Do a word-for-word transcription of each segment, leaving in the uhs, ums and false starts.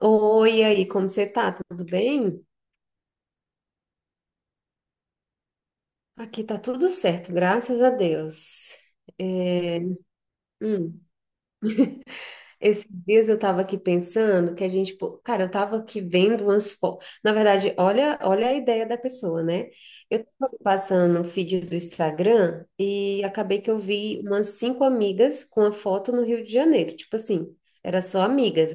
Oi, e aí, como você tá? Tudo bem? Aqui tá tudo certo, graças a Deus. É, hum, esses dias eu tava aqui pensando que a gente, pô, cara, eu tava aqui vendo umas fotos. Na verdade, olha, olha a ideia da pessoa, né? Eu tava passando no feed do Instagram e acabei que eu vi umas cinco amigas com a foto no Rio de Janeiro. Tipo assim, era só amigas,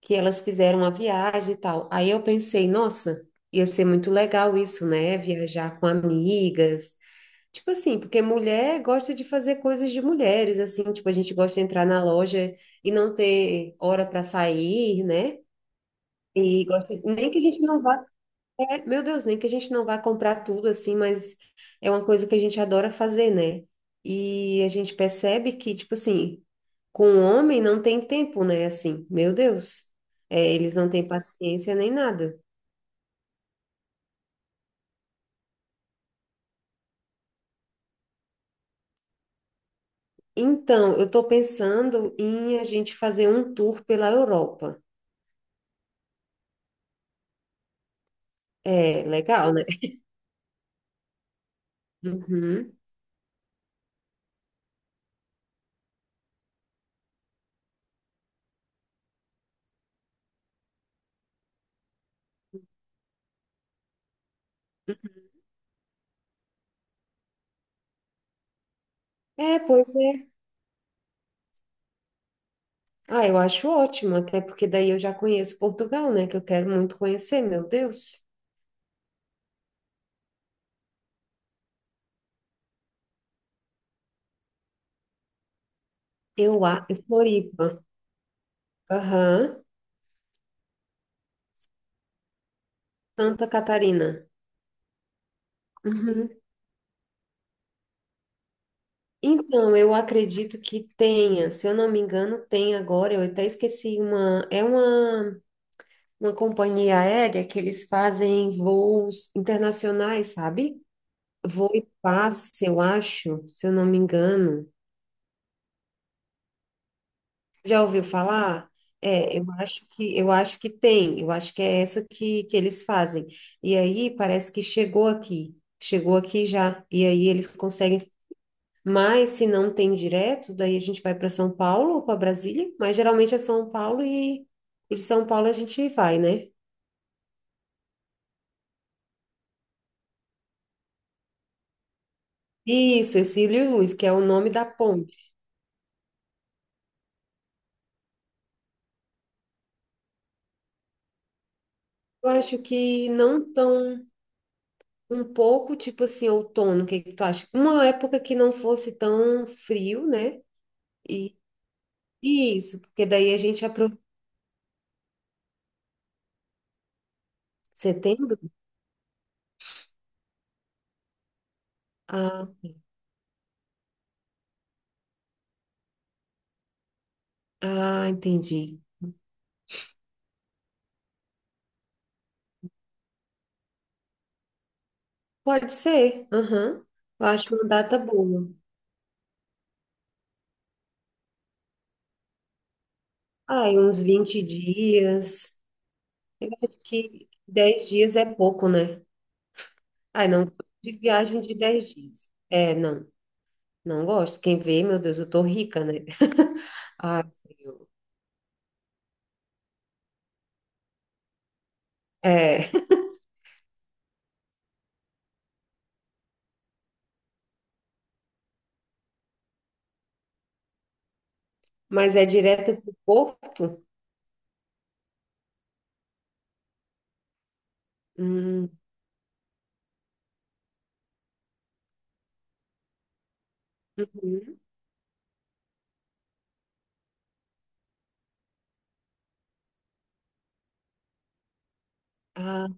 que elas fizeram a viagem e tal. Aí eu pensei, nossa, ia ser muito legal isso, né? Viajar com amigas. Tipo assim, porque mulher gosta de fazer coisas de mulheres, assim, tipo, a gente gosta de entrar na loja e não ter hora para sair, né? E gosta, nem que a gente não vá. É, meu Deus, nem que a gente não vá comprar tudo assim, mas é uma coisa que a gente adora fazer, né? E a gente percebe que, tipo assim, com o homem não tem tempo, né? Assim, meu Deus, é, eles não têm paciência nem nada. Então, eu tô pensando em a gente fazer um tour pela Europa. É, legal, né? Uhum. É, pois é. Ah, eu acho ótimo, até porque daí eu já conheço Portugal, né? Que eu quero muito conhecer, meu Deus. Eu, a Floripa. Aham. Santa Catarina. Uhum. Então, eu acredito que tenha, se eu não me engano, tem agora, eu até esqueci uma, é uma, uma companhia aérea que eles fazem voos internacionais, sabe? Voo e passe, eu acho, se eu não me engano. Já ouviu falar? É, eu acho que eu acho que tem, eu acho que é essa que, que eles fazem. E aí parece que chegou aqui, chegou aqui já. E aí eles conseguem. Mas se não tem direto, daí a gente vai para São Paulo ou para Brasília, mas geralmente é São Paulo e, e de São Paulo a gente vai, né? Isso, Hercílio Luz, que é o nome da ponte. Eu acho que não tão um pouco tipo assim outono, o que que tu acha? Uma época que não fosse tão frio, né? E e isso, porque daí a gente aproveita setembro. Ah, ah, entendi. Pode ser. Aham. Eu acho uma data boa. Ah, e uns vinte dias, que dez dias é pouco, né? Ai, não, gosto de viagem de dez dias. É, não, não gosto. Quem vê, meu Deus, eu tô rica, né? Ai, Senhor. É, mas é direto pro Porto? Hum, uhum. Ah,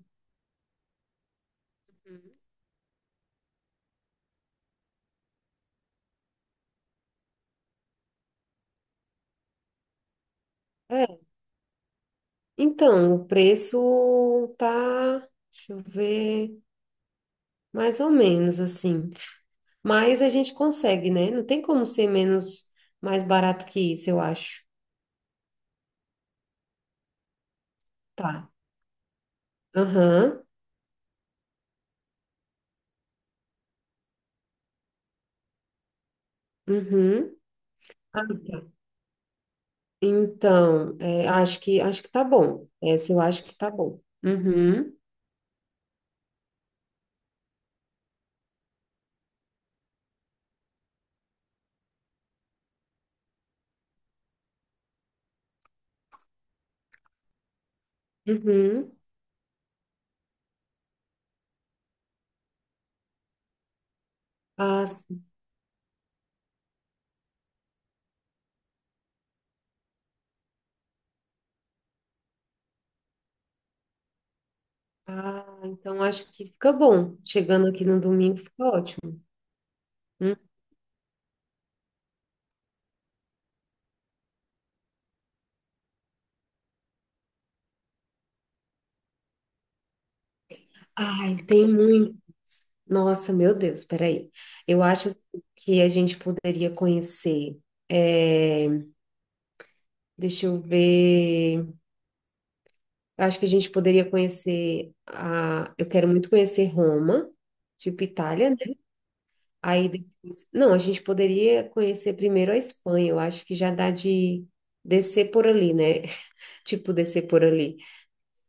uhum. É. Então, o preço tá, deixa eu ver, mais ou menos assim. Mas a gente consegue, né? Não tem como ser menos, mais barato que isso, eu acho. Tá. Aham. Uhum. Ah, tá. Então, é, acho que acho que tá bom. Essa eu acho que tá bom. Uhum, uhum. Ah, sim. Ah, então acho que fica bom. Chegando aqui no domingo, fica ótimo. Hum. Ai, tem muito. Nossa, meu Deus, peraí. Eu acho assim que a gente poderia conhecer, é, deixa eu ver. Acho que a gente poderia conhecer a. Eu quero muito conhecer Roma, tipo Itália, né? Aí depois, não, a gente poderia conhecer primeiro a Espanha, eu acho que já dá de descer por ali, né? Tipo, descer por ali.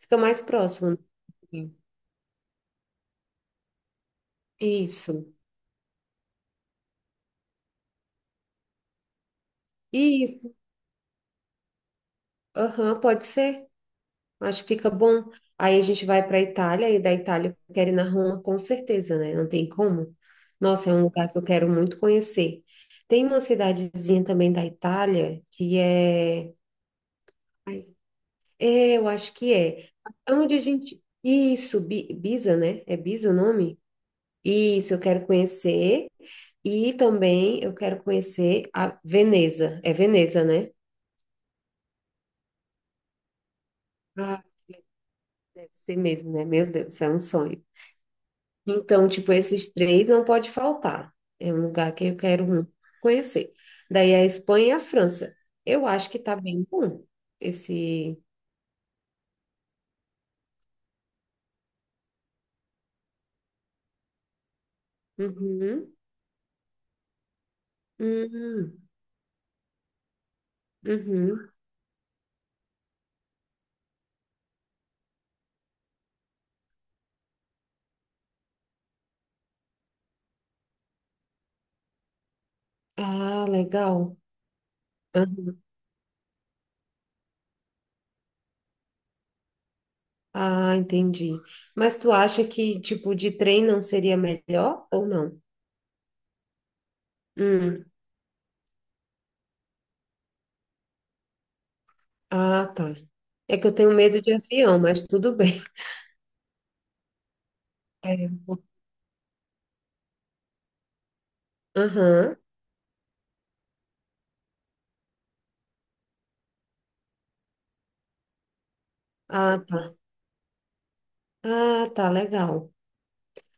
Fica mais próximo. Né? Isso. Isso. Aham, pode ser. Acho que fica bom. Aí a gente vai para a Itália e da Itália eu quero ir na Roma com certeza, né? Não tem como. Nossa, é um lugar que eu quero muito conhecer. Tem uma cidadezinha também da Itália que é. Ai, é, eu acho que é. Onde a gente. Isso, Bi- Biza, né? É Biza o nome? Isso, eu quero conhecer. E também eu quero conhecer a Veneza. É Veneza, né? Ah, deve ser mesmo, né? Meu Deus, é um sonho. Então, tipo, esses três não pode faltar. É um lugar que eu quero muito conhecer. Daí a Espanha e a França. Eu acho que tá bem bom esse. Uhum, uhum, uhum. Ah, legal. Ah, entendi. Mas tu acha que tipo de trem não seria melhor ou não? Hum. Ah, tá. É que eu tenho medo de avião, mas tudo bem. É. Aham. Ah, tá. Ah, tá, legal.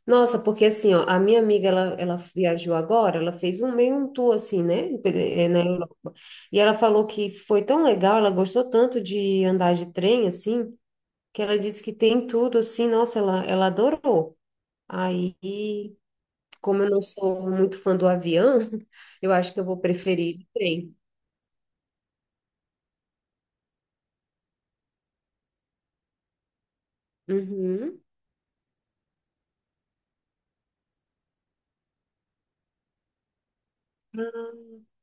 Nossa, porque assim, ó, a minha amiga, ela, ela viajou agora, ela fez um meio um tour, assim, né, eh, na Europa. E ela falou que foi tão legal, ela gostou tanto de andar de trem, assim, que ela disse que tem tudo, assim, nossa, ela, ela adorou. Aí, como eu não sou muito fã do avião, eu acho que eu vou preferir o trem. Uhum. Ah,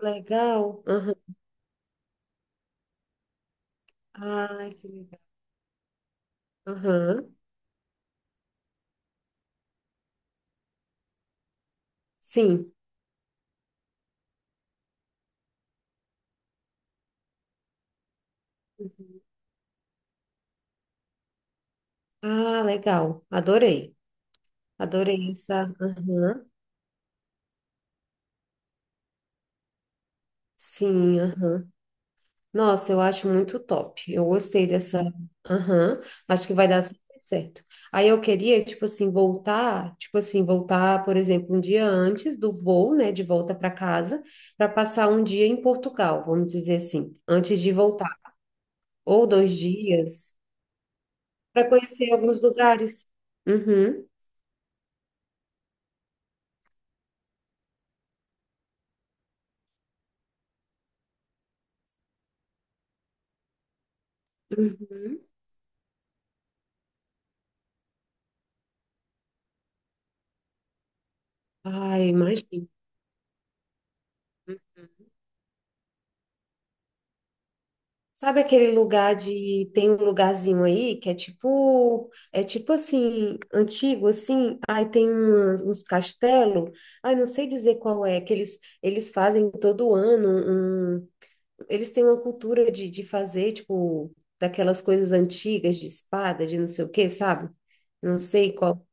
legal. Aham. Ai, que legal. Aham. Sim. Ah, legal. Adorei. Adorei essa. Aham. Sim, aham. Nossa, eu acho muito top. Eu gostei dessa. Aham, acho que vai dar super certo. Aí eu queria, tipo assim, voltar, tipo assim, voltar, por exemplo, um dia antes do voo, né, de volta para casa, para passar um dia em Portugal, vamos dizer assim, antes de voltar, ou dois dias, para conhecer alguns lugares. Uhum, uhum. Ai, imagina. Sabe aquele lugar de. Tem um lugarzinho aí que é tipo. É tipo assim, antigo, assim. Aí tem umas- uns castelos. Ai, não sei dizer qual é, que eles, eles fazem todo ano. Um, eles têm uma cultura de, de fazer, tipo, daquelas coisas antigas de espada, de não sei o quê, sabe? Não sei qual.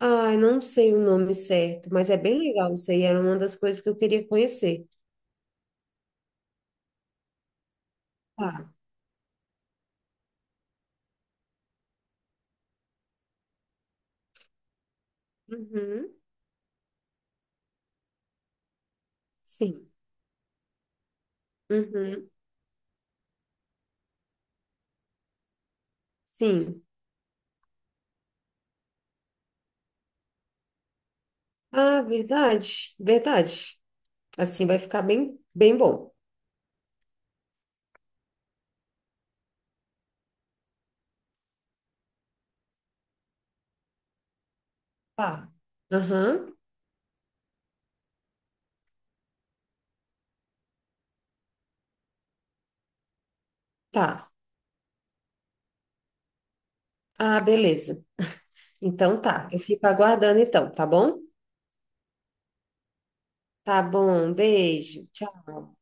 Ai, não sei o nome certo, mas é bem legal isso aí. Era uma das coisas que eu queria conhecer. Tá. Uhum. Sim. Uhum. Sim. Ah, verdade, verdade. Assim vai ficar bem, bem bom. Tá. Aham, tá. Ah, beleza. Então tá, eu fico aguardando então, tá bom? Tá bom, beijo, tchau.